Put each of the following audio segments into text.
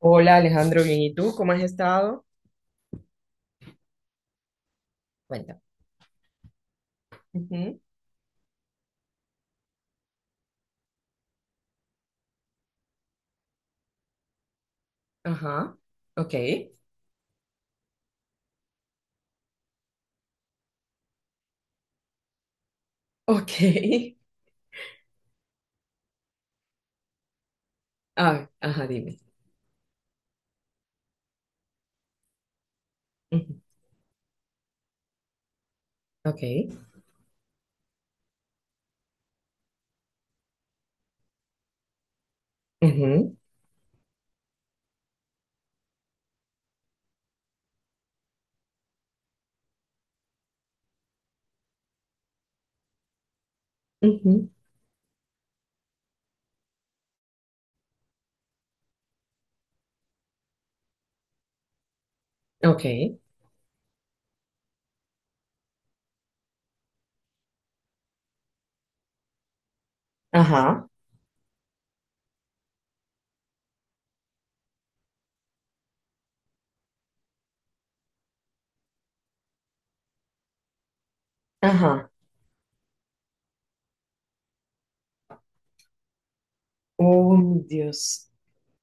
Hola Alejandro, bien. ¿Y tú? ¿Cómo has estado? Cuenta. Ujú. Ajá. Ok. Ok. Ah, ajá, dime. Ujú. Ok. Ujú, ujú. Ok. Ajá. Ajá. Oh, Dios.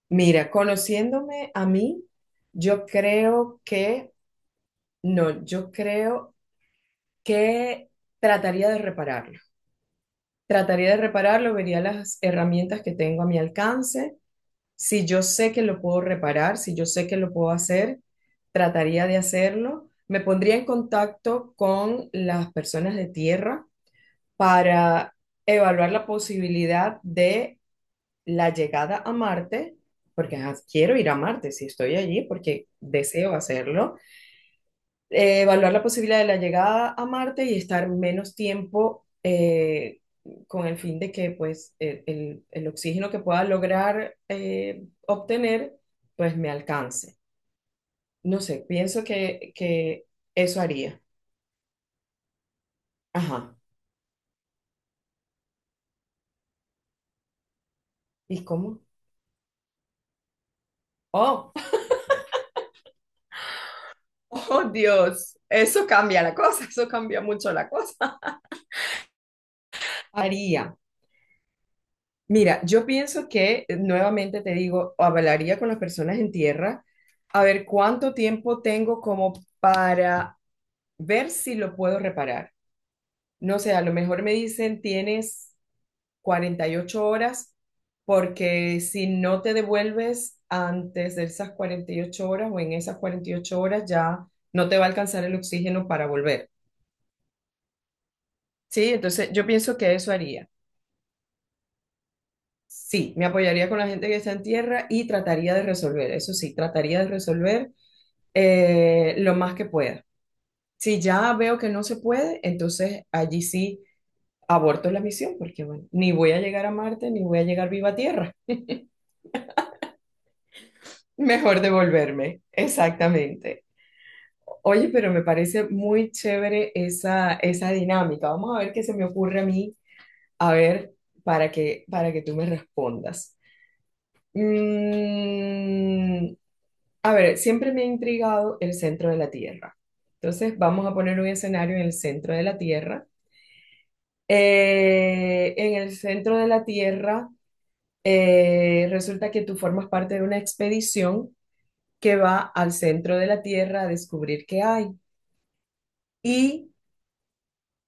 Mira, conociéndome a mí, yo creo que, no, yo creo que trataría de repararlo. Trataría de repararlo, vería las herramientas que tengo a mi alcance. Si yo sé que lo puedo reparar, si yo sé que lo puedo hacer, trataría de hacerlo. Me pondría en contacto con las personas de tierra para evaluar la posibilidad de la llegada a Marte, porque ajá, quiero ir a Marte si estoy allí, porque deseo hacerlo. Evaluar la posibilidad de la llegada a Marte y estar menos tiempo, con el fin de que pues el oxígeno que pueda lograr obtener pues me alcance. No sé, pienso que eso haría. Ajá. ¿Y cómo? Oh, oh Dios, eso cambia la cosa, eso cambia mucho la cosa. Haría. Mira, yo pienso que nuevamente te digo, hablaría con las personas en tierra a ver cuánto tiempo tengo como para ver si lo puedo reparar. No sé, a lo mejor me dicen tienes 48 horas, porque si no te devuelves antes de esas 48 horas o en esas 48 horas ya no te va a alcanzar el oxígeno para volver. Sí, entonces yo pienso que eso haría. Sí, me apoyaría con la gente que está en tierra y trataría de resolver, eso sí, trataría de resolver lo más que pueda. Si ya veo que no se puede, entonces allí sí aborto la misión, porque bueno, ni voy a llegar a Marte, ni voy a llegar viva a tierra. Mejor devolverme, exactamente. Oye, pero me parece muy chévere esa, esa dinámica. Vamos a ver qué se me ocurre a mí, a ver, para que tú me respondas. Mm, A ver, siempre me ha intrigado el centro de la Tierra. Entonces, vamos a poner un escenario en el centro de la Tierra. En el centro de la Tierra, resulta que tú formas parte de una expedición que va al centro de la Tierra a descubrir qué hay. Y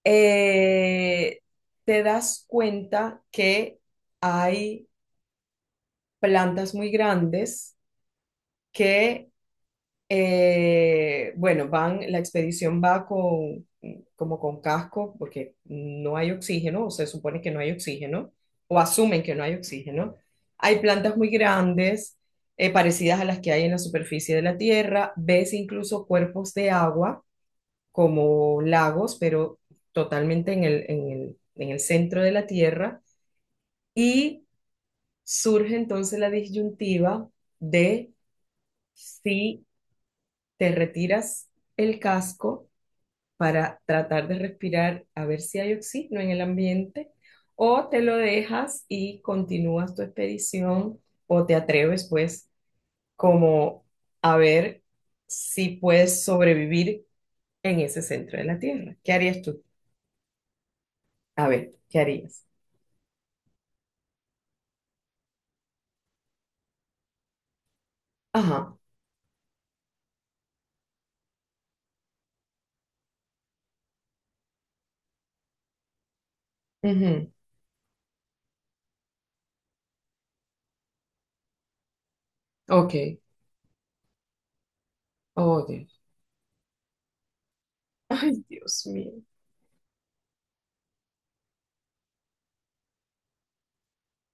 eh, te das cuenta que hay plantas muy grandes que. Bueno, la expedición va con, como con casco, porque no hay oxígeno, o se supone que no hay oxígeno, o asumen que no hay oxígeno. Hay plantas muy grandes, parecidas a las que hay en la superficie de la Tierra. Ves incluso cuerpos de agua, como lagos, pero totalmente en el centro de la Tierra. Y surge entonces la disyuntiva de si te retiras el casco para tratar de respirar a ver si hay oxígeno en el ambiente, o te lo dejas y continúas tu expedición, o te atreves pues como a ver si puedes sobrevivir en ese centro de la Tierra. ¿Qué harías tú? A ver, ¿qué harías? Ajá. Ujú. Ok. Oh, Dios. Ay, Dios mío.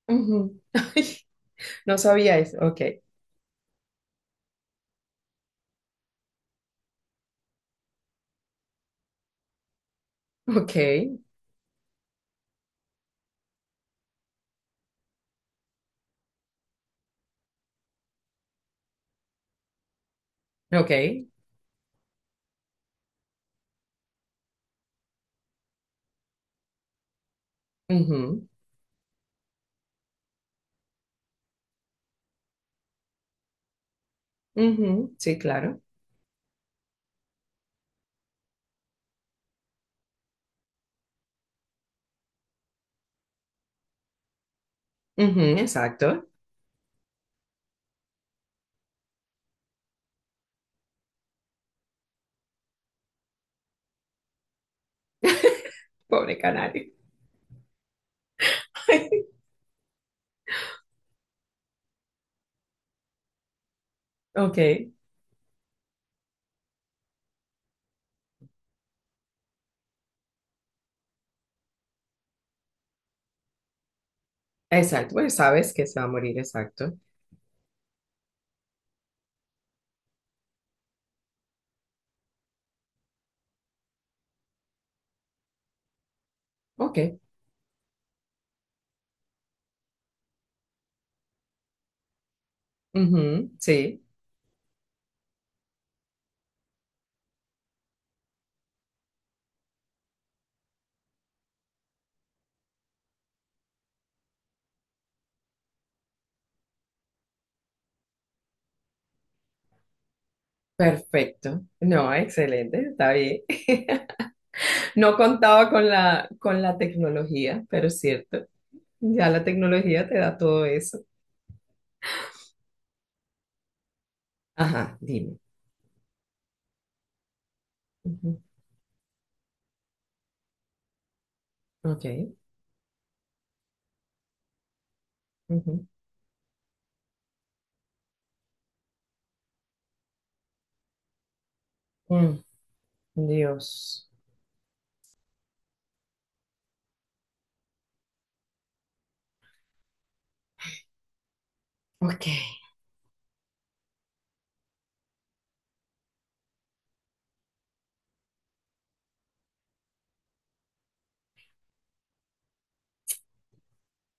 Ujú. Ay, no sabía eso. Ok. Ok. Ok. Ujú. Ujú, sí, claro. Ujú. Exacto. Pobre canario. Ok, exacto. Bueno, sabes que se va a morir, exacto. Ok. Ujú, sí, perfecto. No, excelente, está bien. No contaba con la tecnología, pero es cierto. Ya la tecnología te da todo eso. Ajá, dime. Ujú. Ok. Ujú. Mm. Dios. Ok,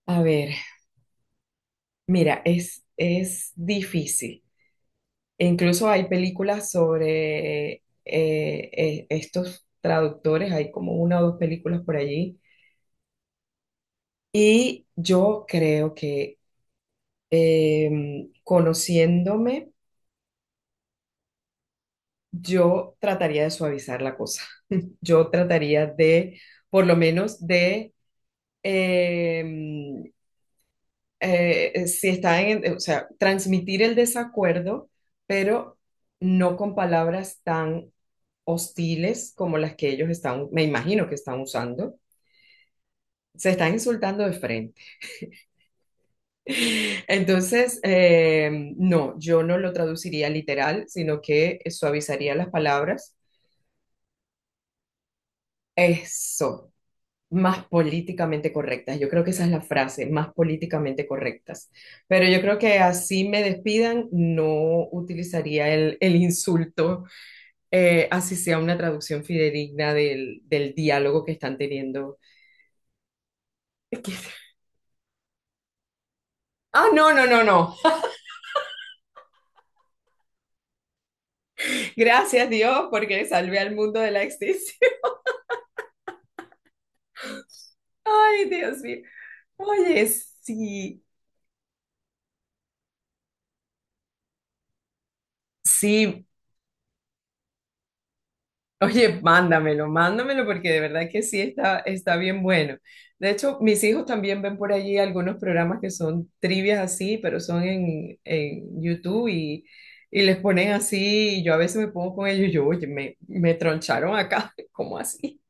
a ver, mira, es difícil. E incluso hay películas sobre estos traductores, hay como una o dos películas por allí. Y yo creo que conociéndome, yo trataría de suavizar la cosa. Yo trataría de, por lo menos, de, em, si está en, o sea, transmitir el desacuerdo, pero no con palabras tan hostiles como las que ellos están, me imagino que están usando, se están insultando de frente. Entonces, no, yo no lo traduciría literal, sino que suavizaría las palabras. Eso, más políticamente correctas. Yo creo que esa es la frase, más políticamente correctas. Pero yo creo que así me despidan, no utilizaría el insulto, así sea una traducción fidedigna del, del diálogo que están teniendo. Ah, no, no, no, no. Gracias Dios porque salvé al mundo de la extinción. Ay, Dios mío. Oye, sí, sí. Oye, mándamelo, mándamelo porque de verdad que sí está, está bien bueno. De hecho, mis hijos también ven por allí algunos programas que son trivias así, pero son en YouTube, y les ponen así y yo a veces me pongo con ellos y yo, oye, me troncharon acá, ¿cómo así?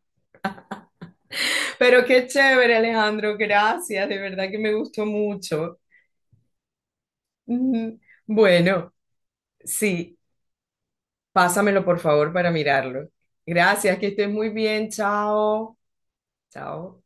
Pero qué chévere, Alejandro, gracias, de verdad que me gustó mucho. Mm. Bueno. Sí, pásamelo por favor para mirarlo. Gracias, que estés muy bien. Chao. Chao.